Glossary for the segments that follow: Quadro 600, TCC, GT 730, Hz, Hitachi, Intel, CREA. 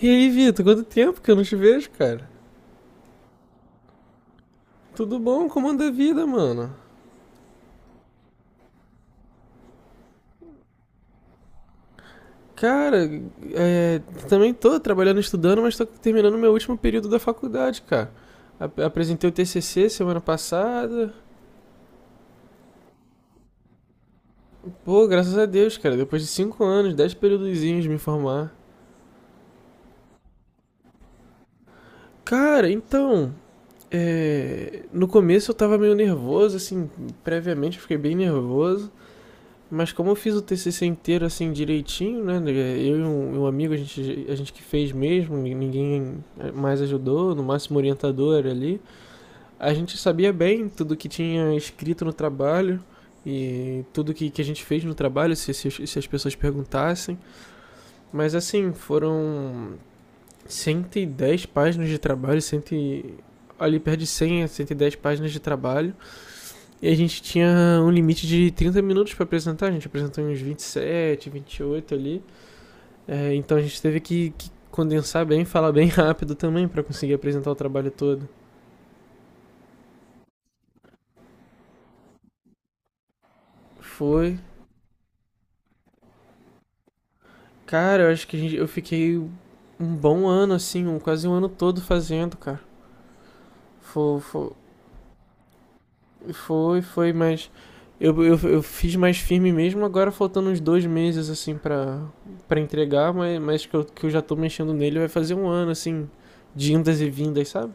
E aí, Vitor, quanto tempo que eu não te vejo, cara? Tudo bom? Como anda a vida, mano? Cara, é, também tô trabalhando, estudando, mas tô terminando meu último período da faculdade, cara. Apresentei o TCC semana passada. Pô, graças a Deus, cara, depois de 5 anos, 10 períodozinhos de me formar. Cara, então, no começo eu tava meio nervoso, assim, previamente eu fiquei bem nervoso. Mas como eu fiz o TCC inteiro assim direitinho, né? Eu e um amigo, a gente que fez mesmo, ninguém mais ajudou, no máximo orientador era ali. A gente sabia bem tudo que tinha escrito no trabalho e tudo que a gente fez no trabalho, se as pessoas perguntassem. Mas assim, foram 110 páginas de trabalho, 100, ali perto de 100 a 110 páginas de trabalho e a gente tinha um limite de 30 minutos para apresentar, a gente apresentou uns 27, oito ali. É, então a gente teve que condensar bem, falar bem rápido também para conseguir apresentar o trabalho todo. Foi. Cara, eu acho que eu fiquei um bom ano, assim, quase um ano todo fazendo, cara. Foi, foi, foi, mas eu fiz mais firme mesmo, agora faltando uns 2 meses, assim, pra entregar, mas que eu já tô mexendo nele, vai fazer um ano, assim, de indas e vindas, sabe?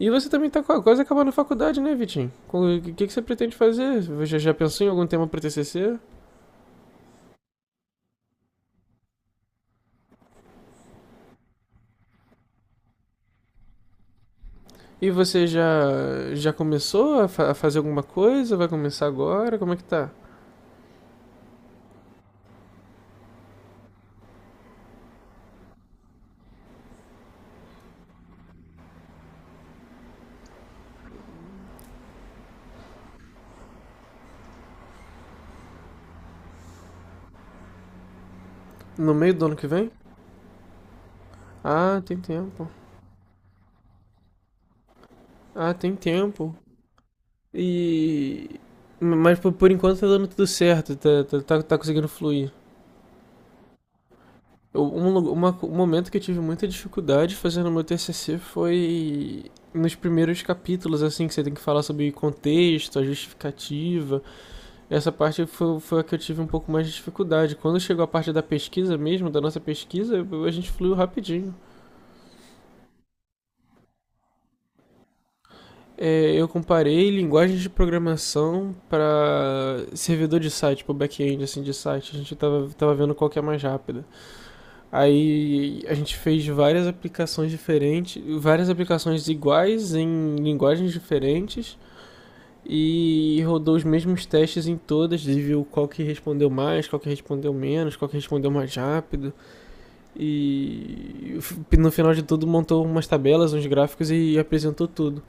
E você também tá quase acabando a faculdade, né, Vitinho? O que você pretende fazer? Você já pensou em algum tema para TCC? E você já começou a fazer alguma coisa? Vai começar agora? Como é que tá? No meio do ano que vem? Ah, tem tempo. Ah, tem tempo. E mas por enquanto tá dando tudo certo, tá conseguindo fluir. Um momento que eu tive muita dificuldade fazendo o meu TCC foi nos primeiros capítulos, assim, que você tem que falar sobre contexto, a justificativa. Essa parte foi a que eu tive um pouco mais de dificuldade. Quando chegou a parte da pesquisa mesmo, da nossa pesquisa, a gente fluiu rapidinho. É, eu comparei linguagens de programação para servidor de site, para back-end, assim, de site. A gente tava vendo qual que é mais rápida. Aí a gente fez várias aplicações diferentes, várias aplicações iguais em linguagens diferentes e rodou os mesmos testes em todas e viu qual que respondeu mais, qual que respondeu menos, qual que respondeu mais rápido e no final de tudo montou umas tabelas, uns gráficos e apresentou tudo.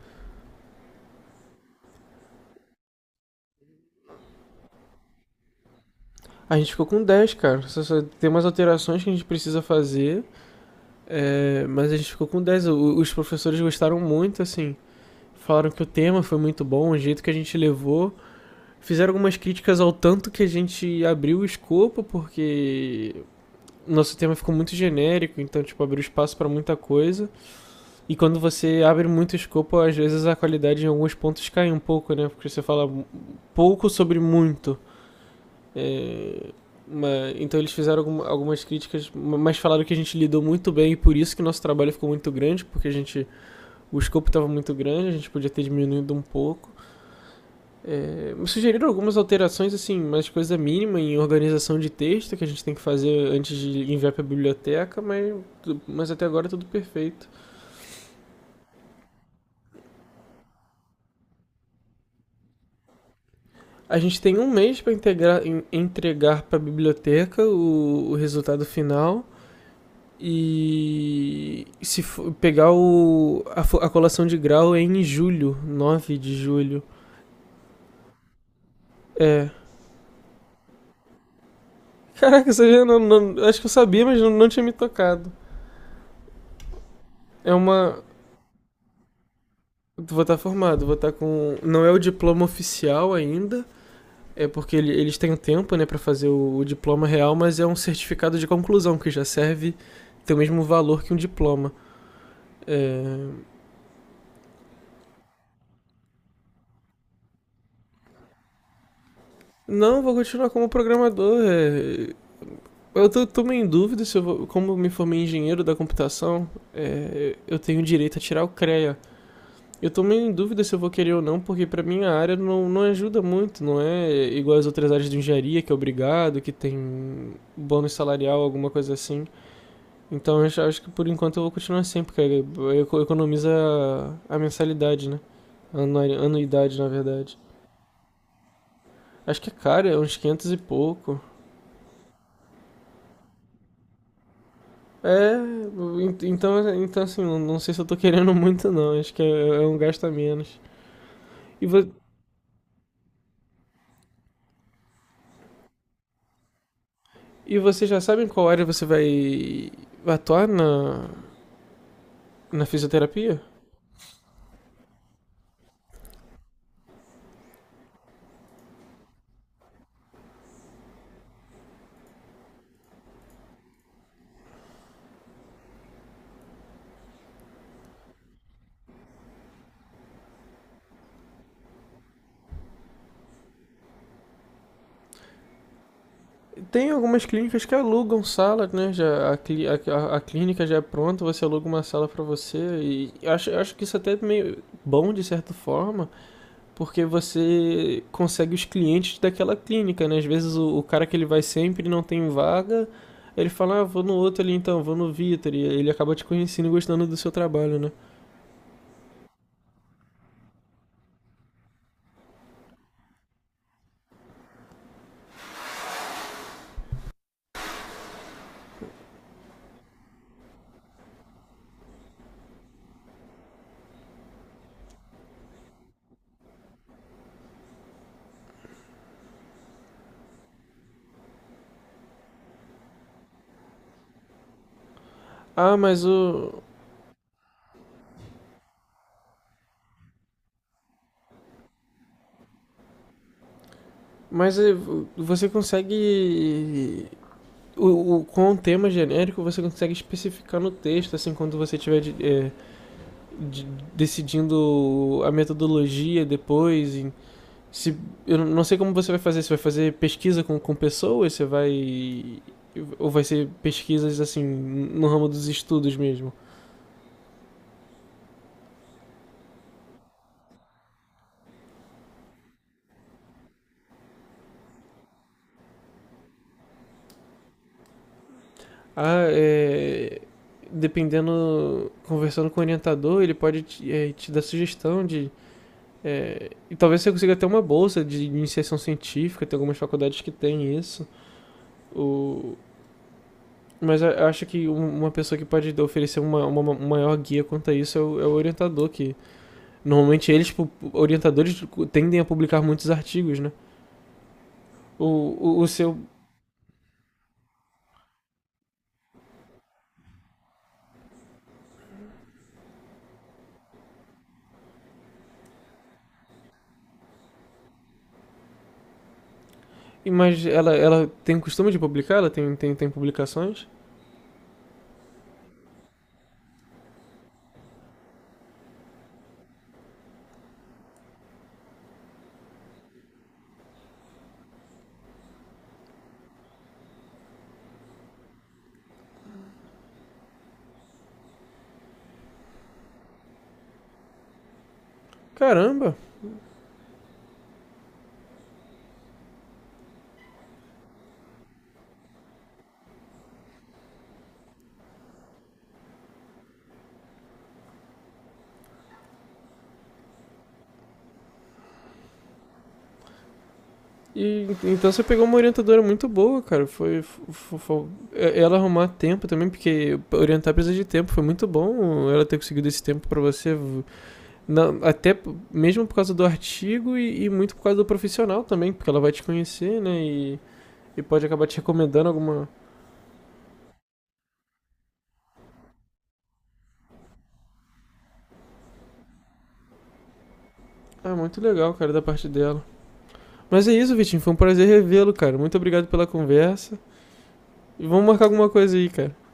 A gente ficou com dez, cara. Tem umas alterações que a gente precisa fazer, mas a gente ficou com 10. Os professores gostaram muito, assim. Falaram que o tema foi muito bom, o jeito que a gente levou. Fizeram algumas críticas ao tanto que a gente abriu o escopo, porque nosso tema ficou muito genérico, então, tipo, abriu espaço para muita coisa. E quando você abre muito escopo, às vezes a qualidade em alguns pontos cai um pouco, né? Porque você fala pouco sobre muito. É, então eles fizeram algumas críticas, mas falaram que a gente lidou muito bem e por isso que nosso trabalho ficou muito grande, porque a gente o escopo estava muito grande, a gente podia ter diminuído um pouco. É, me sugeriram algumas alterações, assim, mas coisa mínima em organização de texto que a gente tem que fazer antes de enviar para a biblioteca, mas até agora é tudo perfeito. A gente tem um mês para entregar para a biblioteca o resultado final e se for pegar colação de grau é em julho, 9 de julho. É. Caraca, isso aí não, não, acho que eu sabia, mas não, não tinha me tocado. É uma, Vou estar formado, vou estar com. Não é o diploma oficial ainda, é porque eles têm um tempo, né, para fazer o diploma real, mas é um certificado de conclusão que já serve, tem o mesmo valor que um diploma. É, não, vou continuar como programador. Eu tô meio em dúvida se eu vou. Como eu me formei em engenheiro da computação, eu tenho direito a tirar o CREA. Eu tô meio em dúvida se eu vou querer ou não, porque pra minha área não, não ajuda muito, não é igual as outras áreas de engenharia, que é obrigado, que tem bônus salarial, alguma coisa assim. Então que por enquanto eu vou continuar sem, porque economiza mensalidade, né? Anuidade, na verdade. Acho que é caro, é uns 500 e pouco. É, então assim, não sei se eu tô querendo muito não, acho que é um gasto a menos. E, vo, e vocês já sabem qual área você vai atuar na fisioterapia? Tem algumas clínicas que alugam sala, né? Já a, cli- a- clínica já é pronta, você aluga uma sala pra você. E acho que isso até é meio bom de certa forma, porque você consegue os clientes daquela clínica, né? Às vezes o cara que ele vai sempre não tem vaga, ele fala, ah, vou no outro ali então, vou no Vitor. E ele acaba te conhecendo e gostando do seu trabalho, né? Ah, mas o. Mas você consegue com o tema genérico você consegue especificar no texto, assim, quando você estiver de- decidindo a metodologia depois. Em- se, Eu não sei como você vai fazer, se vai fazer pesquisa com pessoas, você vai. Ou vai ser pesquisas assim, no ramo dos estudos mesmo. Ah, é. Dependendo, conversando com o orientador, ele pode te dar sugestão de. É, e talvez você consiga até uma bolsa de iniciação científica, tem algumas faculdades que têm isso. O... Mas eu acho que um- uma, pessoa que pode oferecer uma maior guia quanto a isso é o orientador, que normalmente eles, tipo, orientadores, tendem a publicar muitos artigos, né? O seu. Mas ela tem o costume de publicar? Ela tem publicações? Caramba! E, então você pegou uma orientadora muito boa, cara. Foi, fo- fo- é- Ela arrumar tempo também, porque orientar precisa de tempo. Foi muito bom ela ter conseguido esse tempo pra você. Não, até mesmo por causa do artigo e muito por causa do profissional também, porque ela vai te conhecer, né? E pode acabar te recomendando alguma. Ah, muito legal, cara, da parte dela. Mas é isso, Vitinho. Foi um prazer revê-lo, cara. Muito obrigado pela conversa. E vamos marcar alguma coisa aí, cara.